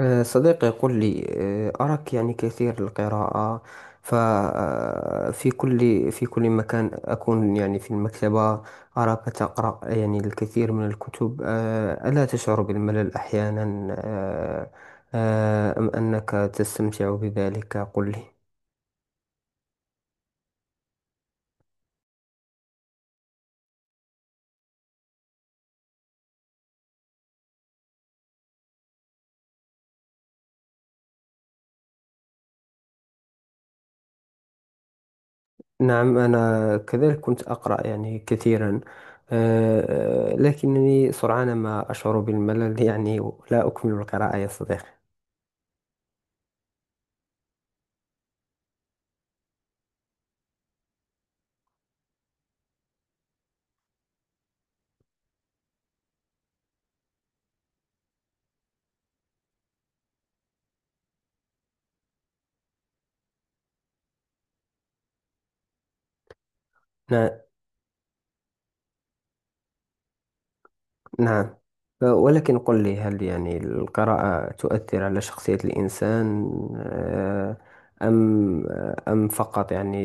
صديقي يقول لي. أراك يعني كثير القراءة. ففي كل مكان أكون يعني في المكتبة. أراك تقرأ يعني الكثير من الكتب. ألا تشعر بالملل أحيانا؟ آه، أم أنك تستمتع بذلك؟ قل لي. نعم، أنا كذلك كنت أقرأ يعني كثيرا. لكنني سرعان ما أشعر بالملل، يعني لا أكمل القراءة يا صديقي. نعم. نعم. ولكن قل لي، هل يعني القراءة تؤثر على شخصية الإنسان؟ آه، أم أم فقط يعني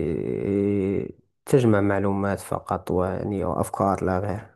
تجمع معلومات فقط، ويعني وأفكار لا غير.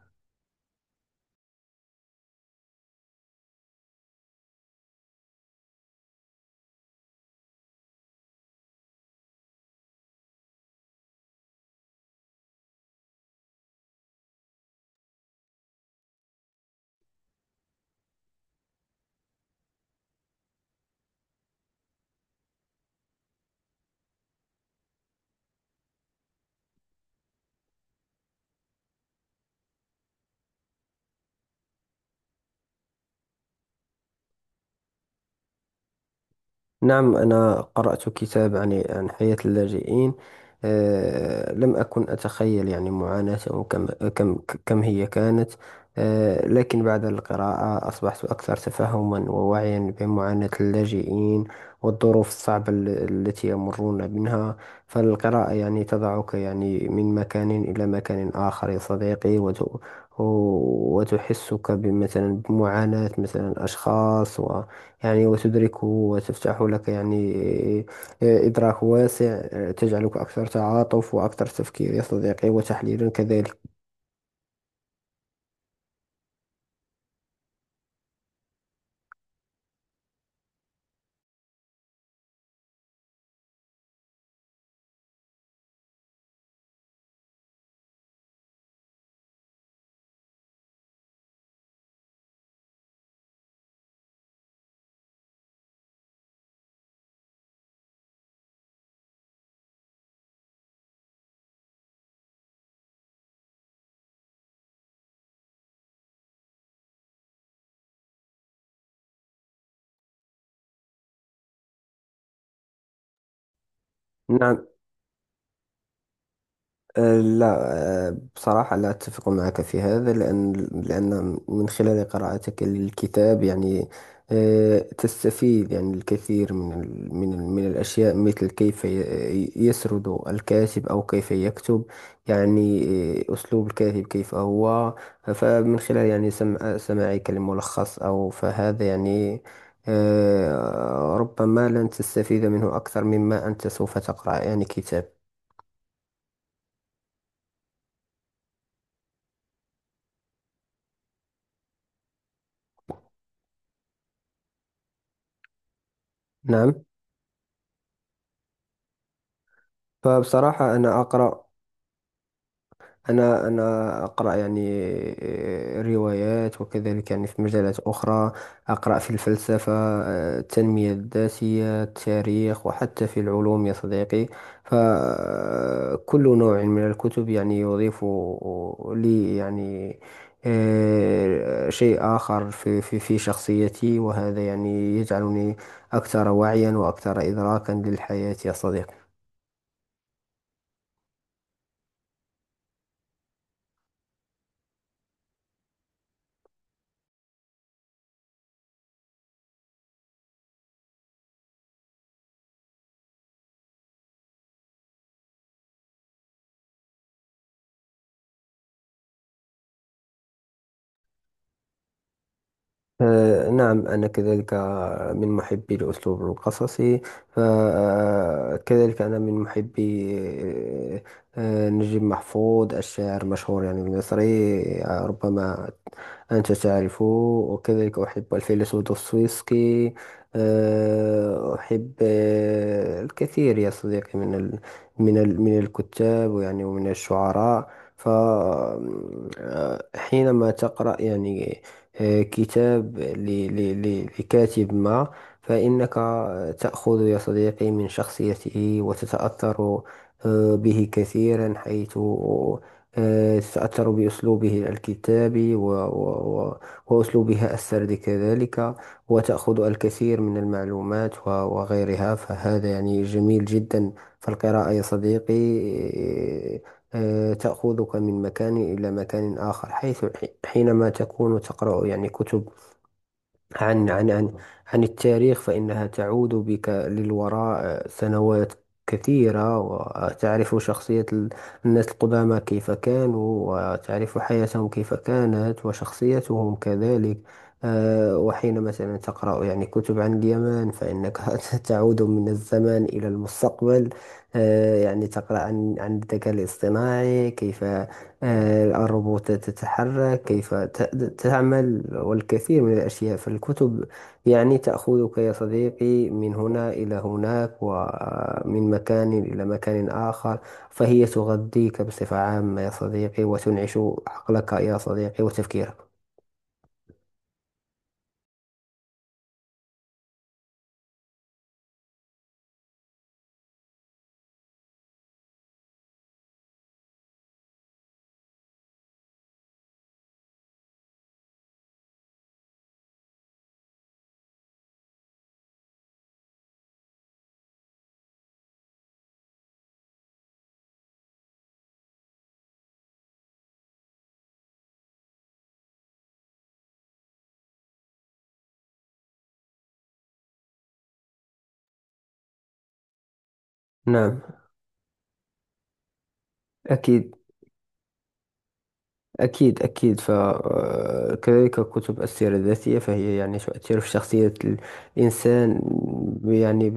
نعم، أنا قرأت كتاب عن حياة اللاجئين. لم أكن أتخيل يعني معاناتهم. كم كم هي كانت. لكن بعد القراءة أصبحت أكثر تفهما ووعيا بمعاناة اللاجئين، والظروف الصعبة التي يمرون منها. فالقراءة يعني تضعك يعني من مكان إلى مكان آخر يا صديقي، وتحسك بمثلا بمعاناة مثلا أشخاص، يعني وتدركه، وتفتح لك يعني إدراك واسع. تجعلك أكثر تعاطف وأكثر تفكير يا صديقي، وتحليلا كذلك. نعم. لا. بصراحة لا أتفق معك في هذا، لأن من خلال قراءتك للكتاب، يعني تستفيد يعني الكثير من الأشياء، مثل كيف يسرد الكاتب أو كيف يكتب، يعني أسلوب الكاتب كيف هو. فمن خلال يعني سماعك لملخص أو فهذا يعني ربما لن تستفيد منه أكثر مما أنت سوف تقرأ يعني كتاب. نعم. فبصراحة أنا أقرأ يعني روايات، وكذلك يعني في مجالات أخرى أقرأ في الفلسفة، التنمية الذاتية، التاريخ، وحتى في العلوم يا صديقي. فكل نوع من الكتب يعني يضيف لي يعني شيء آخر في شخصيتي، وهذا يعني يجعلني أكثر وعيا وأكثر إدراكا للحياة يا صديقي. نعم، أنا كذلك من محبي الأسلوب القصصي. فكذلك أنا من محبي آه، نجيب محفوظ، الشاعر المشهور يعني المصري. ربما أنت تعرفه. وكذلك أحب الفيلسوف دوستويفسكي. أحب الكثير يا صديقي من الكتاب، ويعني ومن الشعراء. فحينما تقرأ يعني كتاب لكاتب ما، فإنك تأخذ يا صديقي من شخصيته وتتأثر به كثيرا، حيث تتأثر بأسلوبه الكتابي وأسلوبها السردي كذلك. وتأخذ الكثير من المعلومات وغيرها، فهذا يعني جميل جدا. فالقراءة يا صديقي آه، تأخذك من مكان إلى مكان آخر، حيث حينما تكون تقرأ يعني كتب عن عن عن عن التاريخ، فإنها تعود بك للوراء سنوات كثيرة، وتعرف شخصية الناس القدامى كيف كانوا، وتعرف حياتهم كيف كانت، وشخصيتهم كذلك. وحين مثلا تقرأ يعني كتب عن اليمن، فإنك تعود من الزمان إلى المستقبل. يعني تقرأ عن الذكاء الاصطناعي، كيف الروبوتات تتحرك، كيف تعمل، والكثير من الأشياء. فالكتب يعني تأخذك يا صديقي من هنا إلى هناك، ومن مكان إلى مكان آخر. فهي تغذيك بصفة عامة يا صديقي، وتنعش عقلك يا صديقي وتفكيرك. نعم. أكيد، أكيد، أكيد. فكذلك كتب السيرة الذاتية فهي يعني تؤثر في شخصية الإنسان، يعني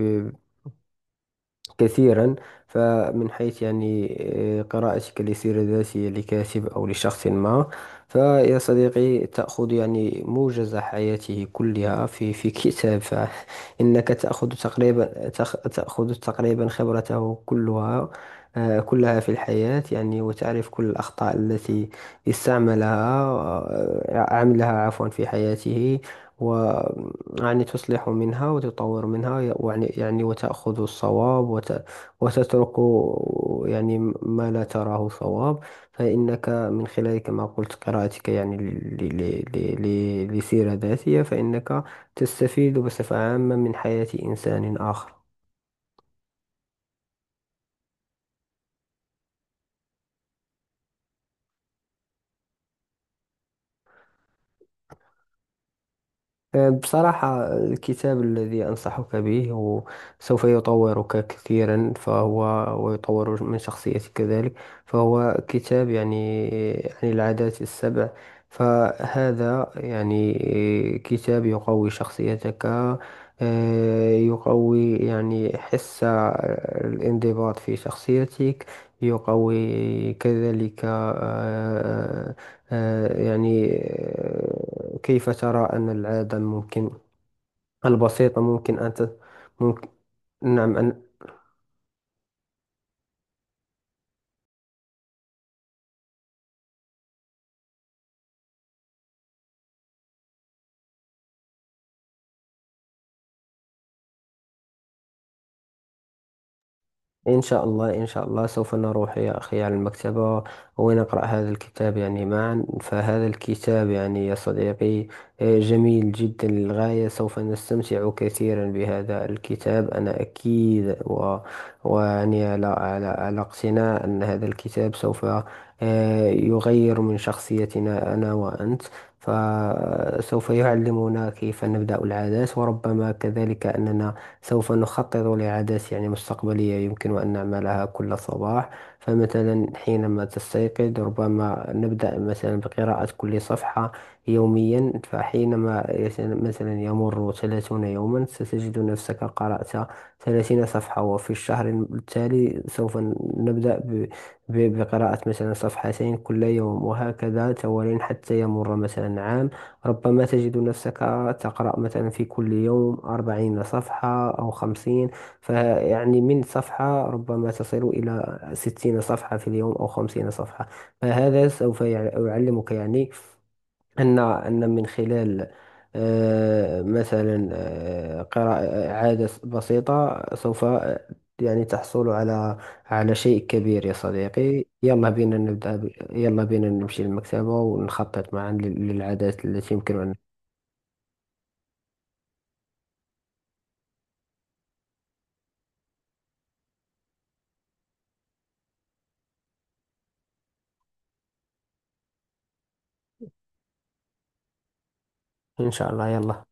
كثيرا. فمن حيث يعني قراءتك لسيرة ذاتية لكاتب أو لشخص ما، فيا صديقي تأخذ يعني موجز حياته كلها في كتاب، فإنك تأخذ تقريبا، تأخذ تقريبا خبرته كلها، كلها في الحياة يعني. وتعرف كل الأخطاء التي استعملها، عملها عفوا، في حياته، يعني تصلح منها وتطور منها، يعني وتأخذ الصواب وتترك يعني ما لا تراه صواب. فإنك من خلال، كما قلت، قراءتك يعني لسيرة ذاتية، فإنك تستفيد بصفة عامة من حياة إنسان آخر. بصراحة الكتاب الذي أنصحك به هو سوف يطورك كثيرا، فهو ويطور من شخصيتك كذلك. فهو كتاب يعني عن العادات السبع. فهذا يعني كتاب يقوي شخصيتك، يقوي يعني حس الانضباط في شخصيتك، يقوي كذلك يعني كيف ترى أن العادة ممكن، البسيطة ممكن أن ممكن. نعم. إن شاء الله، إن شاء الله سوف نروح يا أخي على المكتبة ونقرأ هذا الكتاب يعني معا. فهذا الكتاب يعني يا صديقي جميل جدا للغاية. سوف نستمتع كثيرا بهذا الكتاب أنا أكيد، ويعني على اقتناع أن هذا الكتاب سوف يغير من شخصيتنا أنا وأنت. فسوف يعلمنا كيف نبدأ العادات، وربما كذلك أننا سوف نخطط لعادات يعني مستقبلية يمكن أن نعملها كل صباح. فمثلا حينما تستيقظ ربما نبدأ مثلا بقراءة كل صفحة يوميا. فحينما مثلا يمر 30 يوما، ستجد نفسك قرأت 30 صفحة. وفي الشهر التالي سوف نبدأ بقراءة مثلا صفحتين كل يوم، وهكذا توالي حتى يمر مثلا عام. ربما تجد نفسك تقرأ مثلا في كل يوم 40 صفحة أو 50. فيعني من صفحة ربما تصل إلى 60 صفحة في اليوم أو 50 صفحة. فهذا سوف يعلمك يعني أن من خلال مثلا قراءة عادة بسيطة سوف يعني تحصل على شيء كبير يا صديقي. يلا بينا نمشي للمكتبة، ونخطط معا للعادات التي يمكن أن. إن شاء الله، يلا.